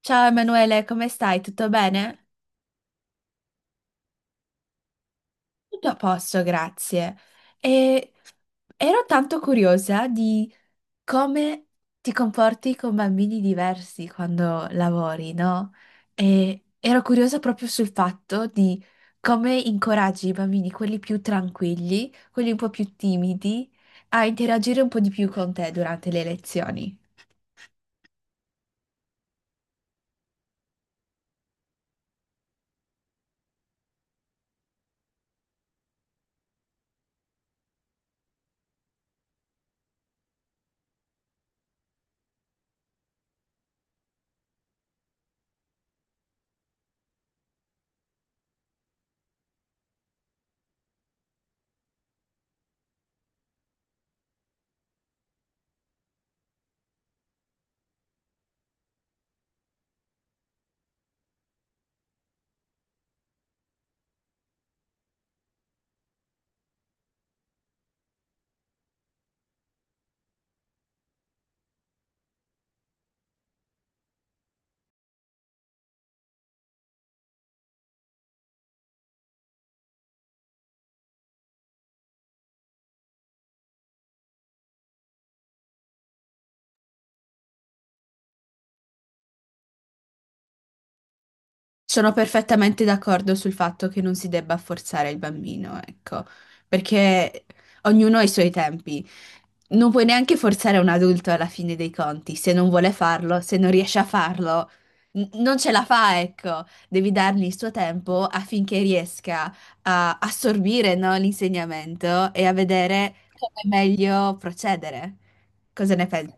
Ciao Emanuele, come stai? Tutto bene? Tutto a posto, grazie. E ero tanto curiosa di come ti comporti con bambini diversi quando lavori, no? E ero curiosa proprio sul fatto di come incoraggi i bambini, quelli più tranquilli, quelli un po' più timidi, a interagire un po' di più con te durante le lezioni. Sono perfettamente d'accordo sul fatto che non si debba forzare il bambino, ecco, perché ognuno ha i suoi tempi. Non puoi neanche forzare un adulto alla fine dei conti, se non vuole farlo, se non riesce a farlo, non ce la fa, ecco. Devi dargli il suo tempo affinché riesca a assorbire, no, l'insegnamento e a vedere come meglio procedere. Cosa ne pensi?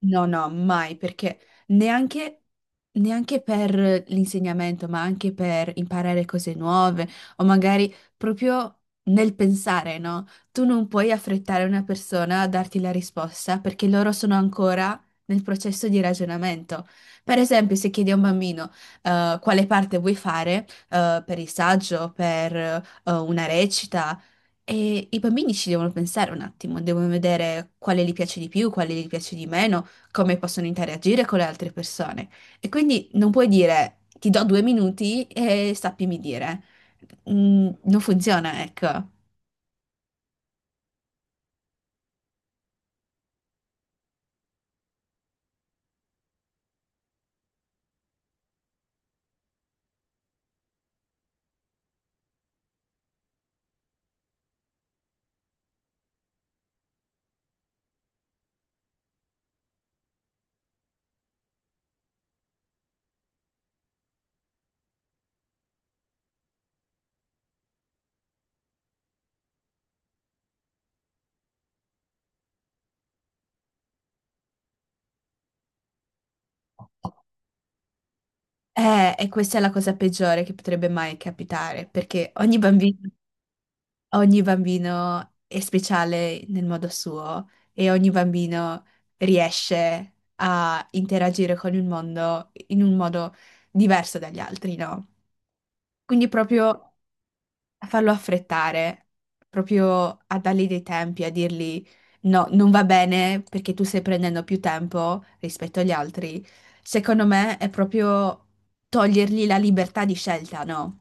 No, no, mai, perché neanche, neanche per l'insegnamento, ma anche per imparare cose nuove o magari proprio nel pensare, no? Tu non puoi affrettare una persona a darti la risposta perché loro sono ancora nel processo di ragionamento. Per esempio, se chiedi a un bambino quale parte vuoi fare per il saggio, per una recita, e i bambini ci devono pensare un attimo, devono vedere quale gli piace di più, quale gli piace di meno, come possono interagire con le altre persone. E quindi non puoi dire ti do due minuti e sappimi dire. Non funziona, ecco. E questa è la cosa peggiore che potrebbe mai capitare, perché ogni bambino è speciale nel modo suo e ogni bambino riesce a interagire con il mondo in un modo diverso dagli altri, no? Quindi proprio a farlo affrettare, proprio a dargli dei tempi, a dirgli no, non va bene perché tu stai prendendo più tempo rispetto agli altri, secondo me è proprio togliergli la libertà di scelta, no?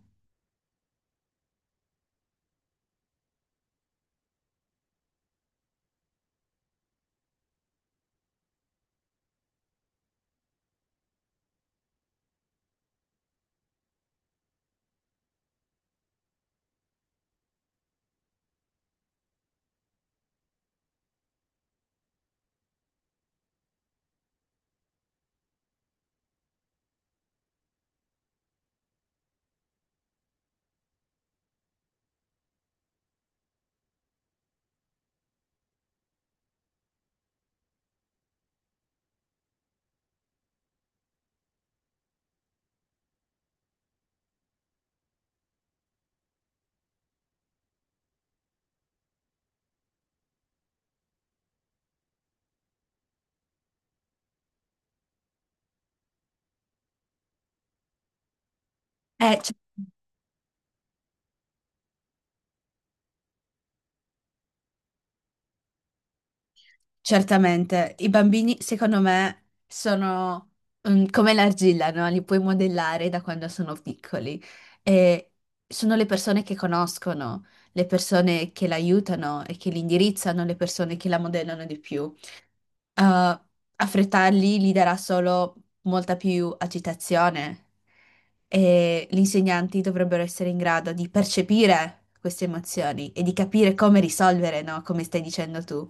Cioè. Certamente, i bambini secondo me sono come l'argilla, no? Li puoi modellare da quando sono piccoli e sono le persone che conoscono, le persone che l'aiutano e che li indirizzano, le persone che la modellano di più. Affrettarli gli darà solo molta più agitazione e gli insegnanti dovrebbero essere in grado di percepire queste emozioni e di capire come risolvere, no? Come stai dicendo tu.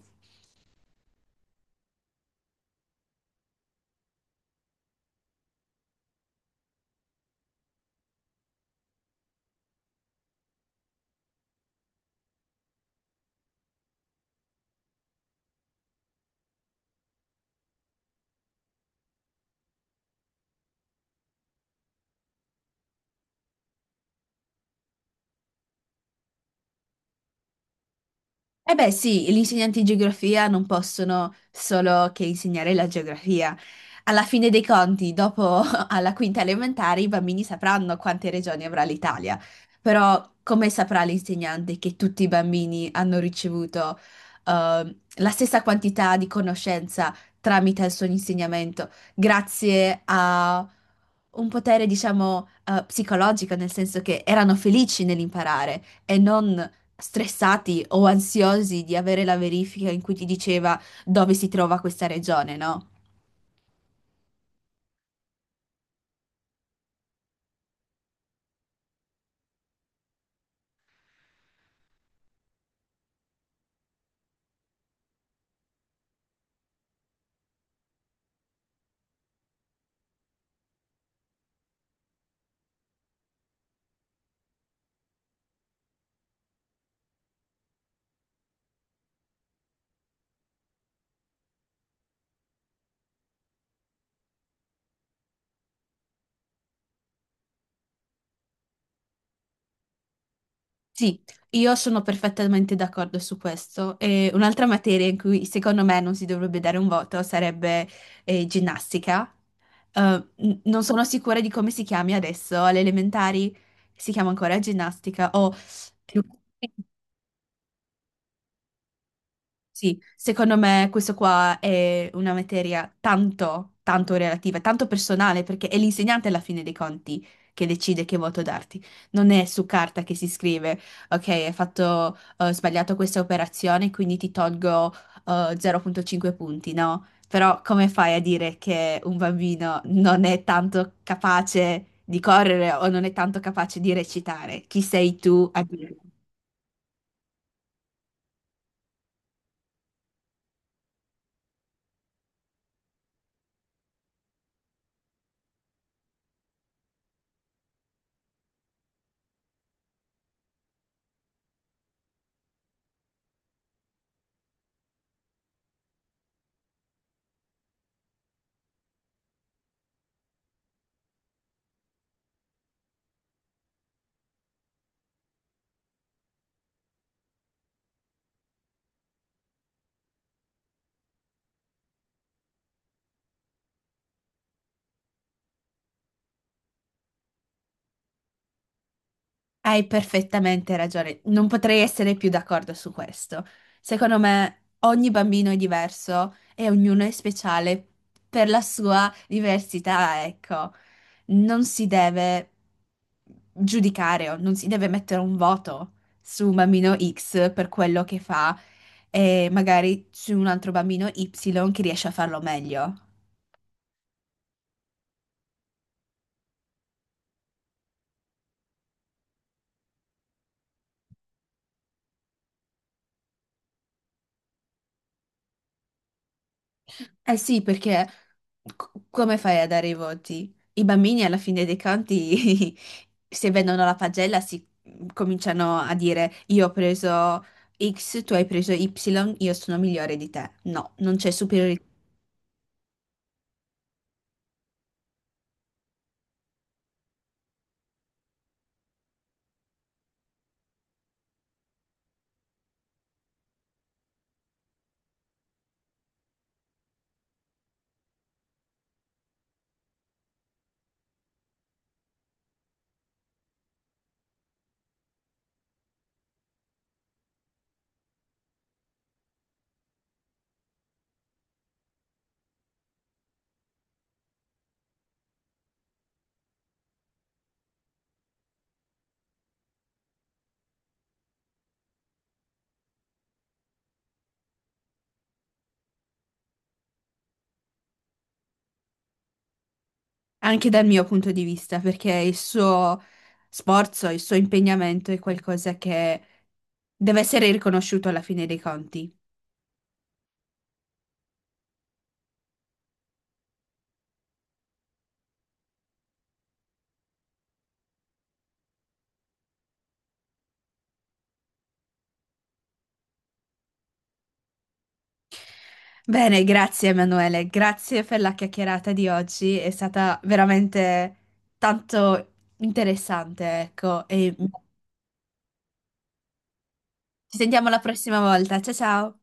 Eh beh sì, gli insegnanti di geografia non possono solo che insegnare la geografia. Alla fine dei conti, dopo alla quinta elementare, i bambini sapranno quante regioni avrà l'Italia. Però come saprà l'insegnante che tutti i bambini hanno ricevuto la stessa quantità di conoscenza tramite il suo insegnamento, grazie a un potere, diciamo, psicologico, nel senso che erano felici nell'imparare e non stressati o ansiosi di avere la verifica in cui ti diceva dove si trova questa regione, no? Sì, io sono perfettamente d'accordo su questo. E un'altra materia in cui secondo me non si dovrebbe dare un voto sarebbe ginnastica. Eh, Non sono sicura di come si chiami adesso, alle elementari si chiama ancora ginnastica o... Sì, secondo me questo qua è una materia tanto, tanto relativa, tanto personale, perché è l'insegnante alla fine dei conti che decide che voto darti. Non è su carta che si scrive, ok, hai fatto, sbagliato questa operazione, quindi ti tolgo, 0,5 punti, no? Però come fai a dire che un bambino non è tanto capace di correre o non è tanto capace di recitare? Chi sei tu a dire? Hai perfettamente ragione, non potrei essere più d'accordo su questo. Secondo me ogni bambino è diverso e ognuno è speciale per la sua diversità, ecco. Non si deve giudicare o non si deve mettere un voto su un bambino X per quello che fa e magari su un altro bambino Y che riesce a farlo meglio. Eh sì, perché come fai a dare i voti? I bambini alla fine dei conti, se vedono la pagella, si cominciano a dire io ho preso X, tu hai preso Y, io sono migliore di te. No, non c'è superiorità. Anche dal mio punto di vista, perché il suo sforzo, il suo impegnamento è qualcosa che deve essere riconosciuto alla fine dei conti. Bene, grazie Emanuele, grazie per la chiacchierata di oggi, è stata veramente tanto interessante, ecco, e ci sentiamo la prossima volta. Ciao ciao!